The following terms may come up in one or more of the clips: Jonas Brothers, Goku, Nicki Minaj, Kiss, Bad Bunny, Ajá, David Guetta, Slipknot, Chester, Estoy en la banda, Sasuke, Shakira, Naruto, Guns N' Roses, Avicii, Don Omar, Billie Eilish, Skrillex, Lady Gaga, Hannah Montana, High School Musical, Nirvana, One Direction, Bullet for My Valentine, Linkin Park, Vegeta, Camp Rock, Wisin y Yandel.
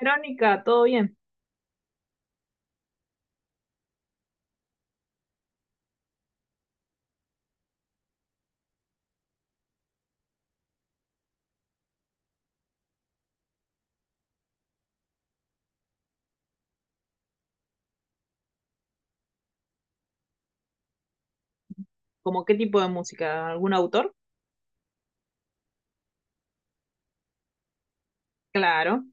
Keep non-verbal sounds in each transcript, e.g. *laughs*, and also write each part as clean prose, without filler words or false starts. Verónica, ¿todo bien? ¿Cómo qué tipo de música? ¿Algún autor? Claro,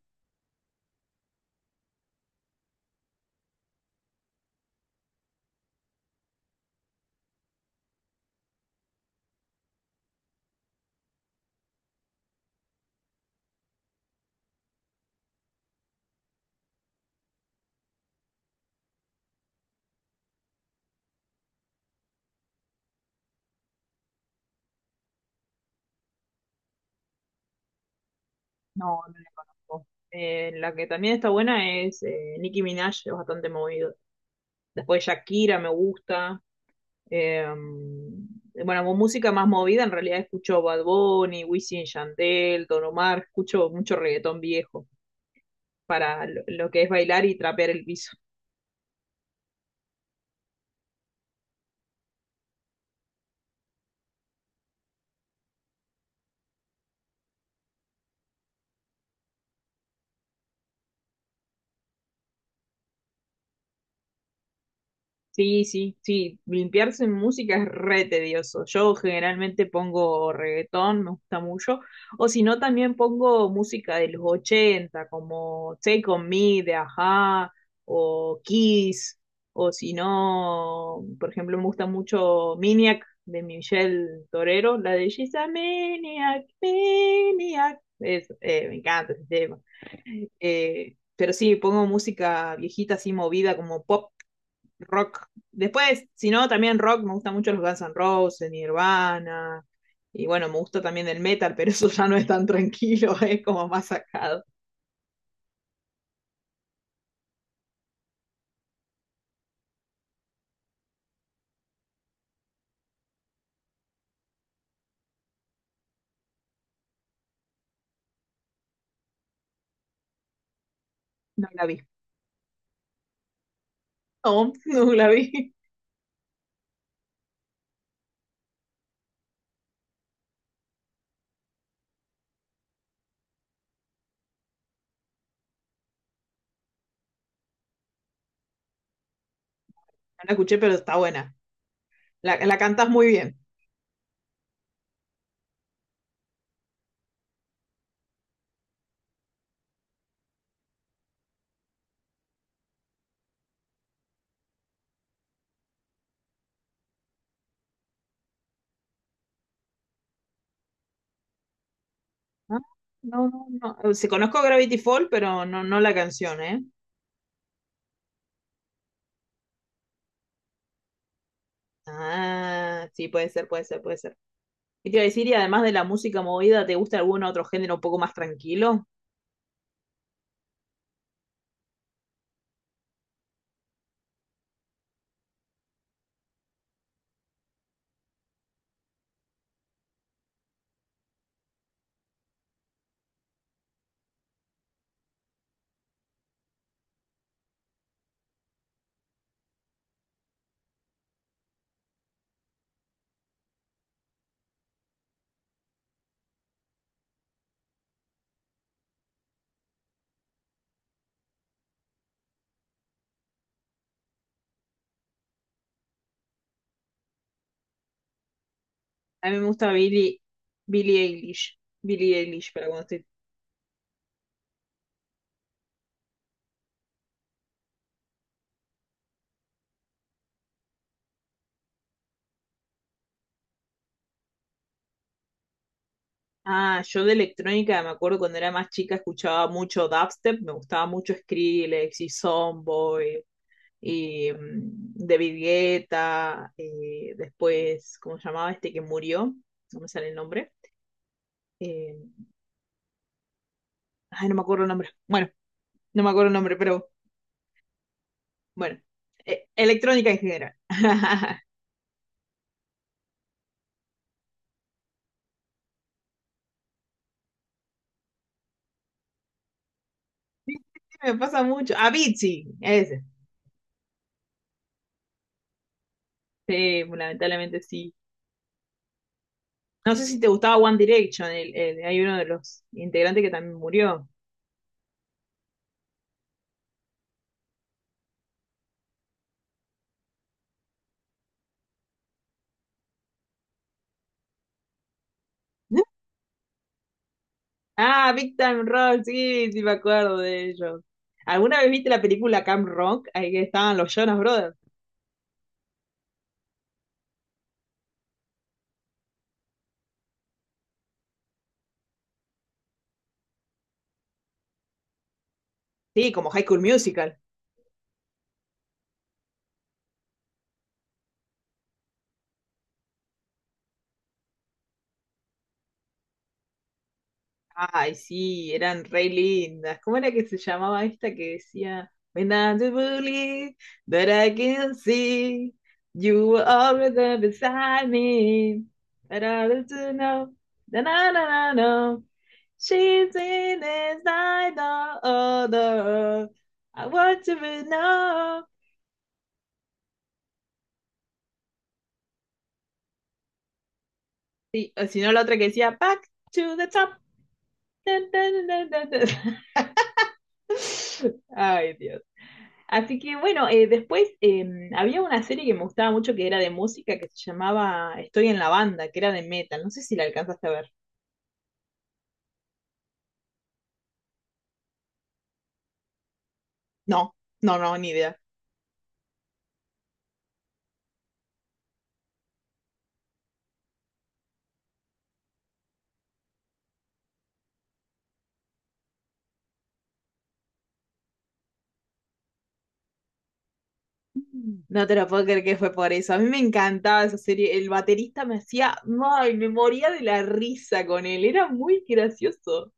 no, no la conozco. La que también está buena es Nicki Minaj, es bastante movido. Después Shakira me gusta. Eh, bueno, con música más movida, en realidad escucho Bad Bunny, Wisin y Yandel, Don Omar, escucho mucho reggaetón viejo para lo que es bailar y trapear el piso. Sí, sí, sí, limpiarse en música es re tedioso. Yo generalmente pongo reggaetón, me gusta mucho. O si no, también pongo música de los 80, como Take On Me de Ajá, o Kiss. O si no, por ejemplo, me gusta mucho Maniac de Michelle Torero, la de She's a Maniac, Maniac. Me encanta ese tema. Pero sí, pongo música viejita así movida como pop rock. Después, si no, también rock, me gustan mucho los Guns N' Roses, Nirvana, y bueno, me gusta también el metal, pero eso ya no es tan tranquilo, *laughs* es como más sacado. No la vi. No, no la vi. No la escuché, pero está buena. La cantás muy bien. Ah, no, no, no. Se conozco Gravity Fall, pero no, no la canción, ¿eh? Ah, sí, puede ser, puede ser, puede ser. ¿Qué te iba a decir? Y además de la música movida, ¿te gusta algún otro género un poco más tranquilo? A mí me gusta Billie Eilish. Billie Eilish, para cuando estoy... Ah, yo de electrónica me acuerdo cuando era más chica escuchaba mucho dubstep, me gustaba mucho Skrillex y Soundboy y David Guetta, después, ¿cómo se llamaba este que murió? No me sale el nombre. Eh, no me acuerdo el nombre. Bueno, no me acuerdo el nombre, pero bueno, electrónica en general. *laughs* Sí, me pasa mucho. Avicii, ese. Sí, lamentablemente sí. No sé si te gustaba One Direction, hay uno de los integrantes que también murió. *laughs* Ah, Big Time Rock, sí, sí me acuerdo de ellos. ¿Alguna vez viste la película Camp Rock? Ahí que estaban los Jonas Brothers. Sí, como High School Musical. Ay, sí, eran re lindas. ¿Cómo era que se llamaba esta que decía? When I do believe that I can see you were always there beside me. But I don't know. Na, na, na, na, na. She's in is like no other. I want to be know. Sí, o si no, la otra que decía Back to the top. *laughs* Ay, Dios. Así que bueno, después había una serie que me gustaba mucho que era de música que se llamaba Estoy en la banda, que era de metal. No sé si la alcanzaste a ver. No, no, no, ni idea. No te lo puedo creer que fue por eso. A mí me encantaba esa serie. El baterista me hacía, ay, me moría de la risa con él. Era muy gracioso.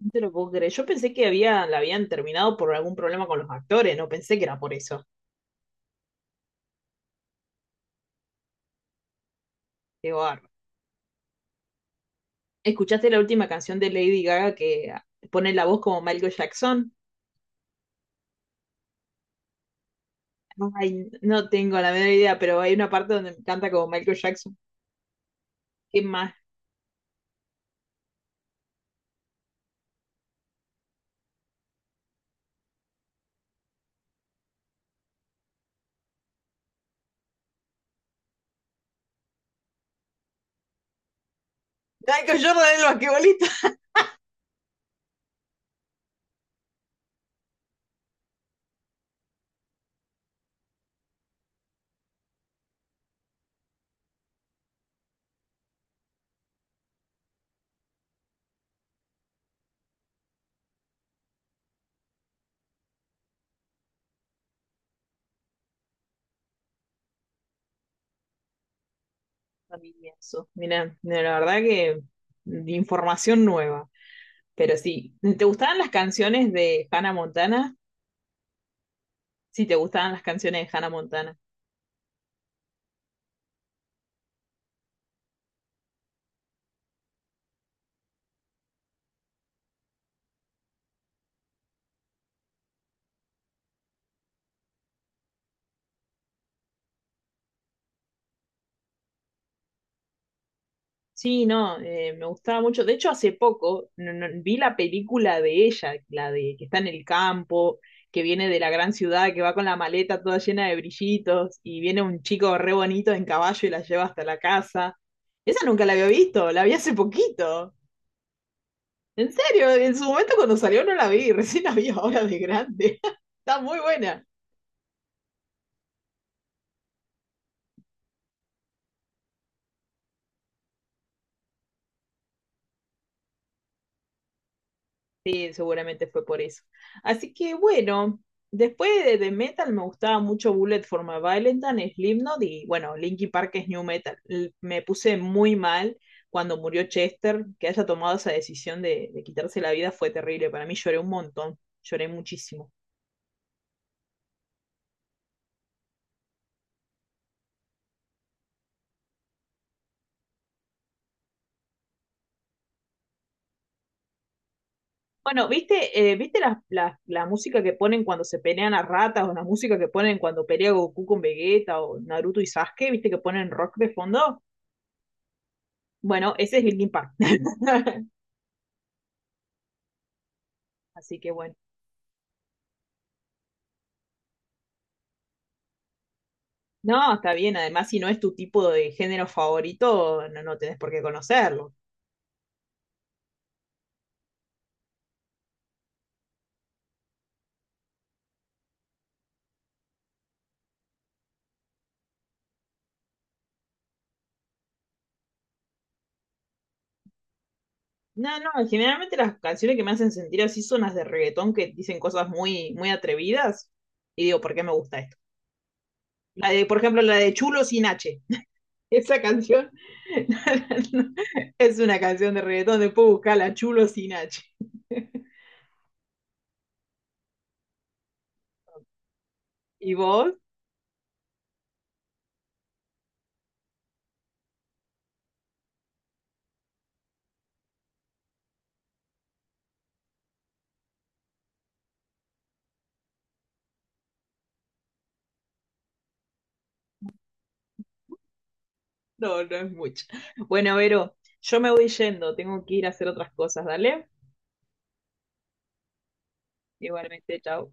No te lo puedo creer. Yo pensé que había, la habían terminado por algún problema con los actores. No pensé que era por eso. Qué bárbaro. ¿Escuchaste la última canción de Lady Gaga que pone la voz como Michael Jackson? Ay, no tengo la menor idea, pero hay una parte donde canta como Michael Jackson. ¿Qué más? Michael Jordan el basquetbolista. Familia, eso. Mira, no, la verdad que de información nueva. Pero sí, ¿te gustaban las canciones de Hannah Montana? Sí, te gustaban las canciones de Hannah Montana. Sí, no, me gustaba mucho. De hecho, hace poco vi la película de ella, la de que está en el campo, que viene de la gran ciudad, que va con la maleta toda llena de brillitos y viene un chico re bonito en caballo y la lleva hasta la casa. Esa nunca la había visto, la vi hace poquito. En serio, en su momento cuando salió no la vi, *laughs* recién la vi ahora de grande. *laughs* Está muy buena. Sí, seguramente fue por eso. Así que bueno, después de Metal me gustaba mucho Bullet for My Valentine, Slipknot y bueno, Linkin Park es New Metal. Me puse muy mal cuando murió Chester, que haya tomado esa decisión de quitarse la vida fue terrible. Para mí lloré un montón, lloré muchísimo. Bueno, ¿viste la música que ponen cuando se pelean a ratas o la música que ponen cuando pelea Goku con Vegeta o Naruto y Sasuke? ¿Viste que ponen rock de fondo? Bueno, ese es Linkin Park. *laughs* Así que bueno. No, está bien. Además, si no es tu tipo de género favorito, no, no tenés por qué conocerlo. No, no, generalmente las canciones que me hacen sentir así son las de reggaetón que dicen cosas muy, muy atrevidas. Y digo, ¿por qué me gusta esto? La de, por ejemplo, la de Chulo sin H. Esa canción *laughs* no, es una canción de reggaetón, después buscarla chulo sin H. *laughs* ¿Y vos? No, no es mucho. Bueno, Vero, yo me voy yendo, tengo que ir a hacer otras cosas, dale. Igualmente, chao.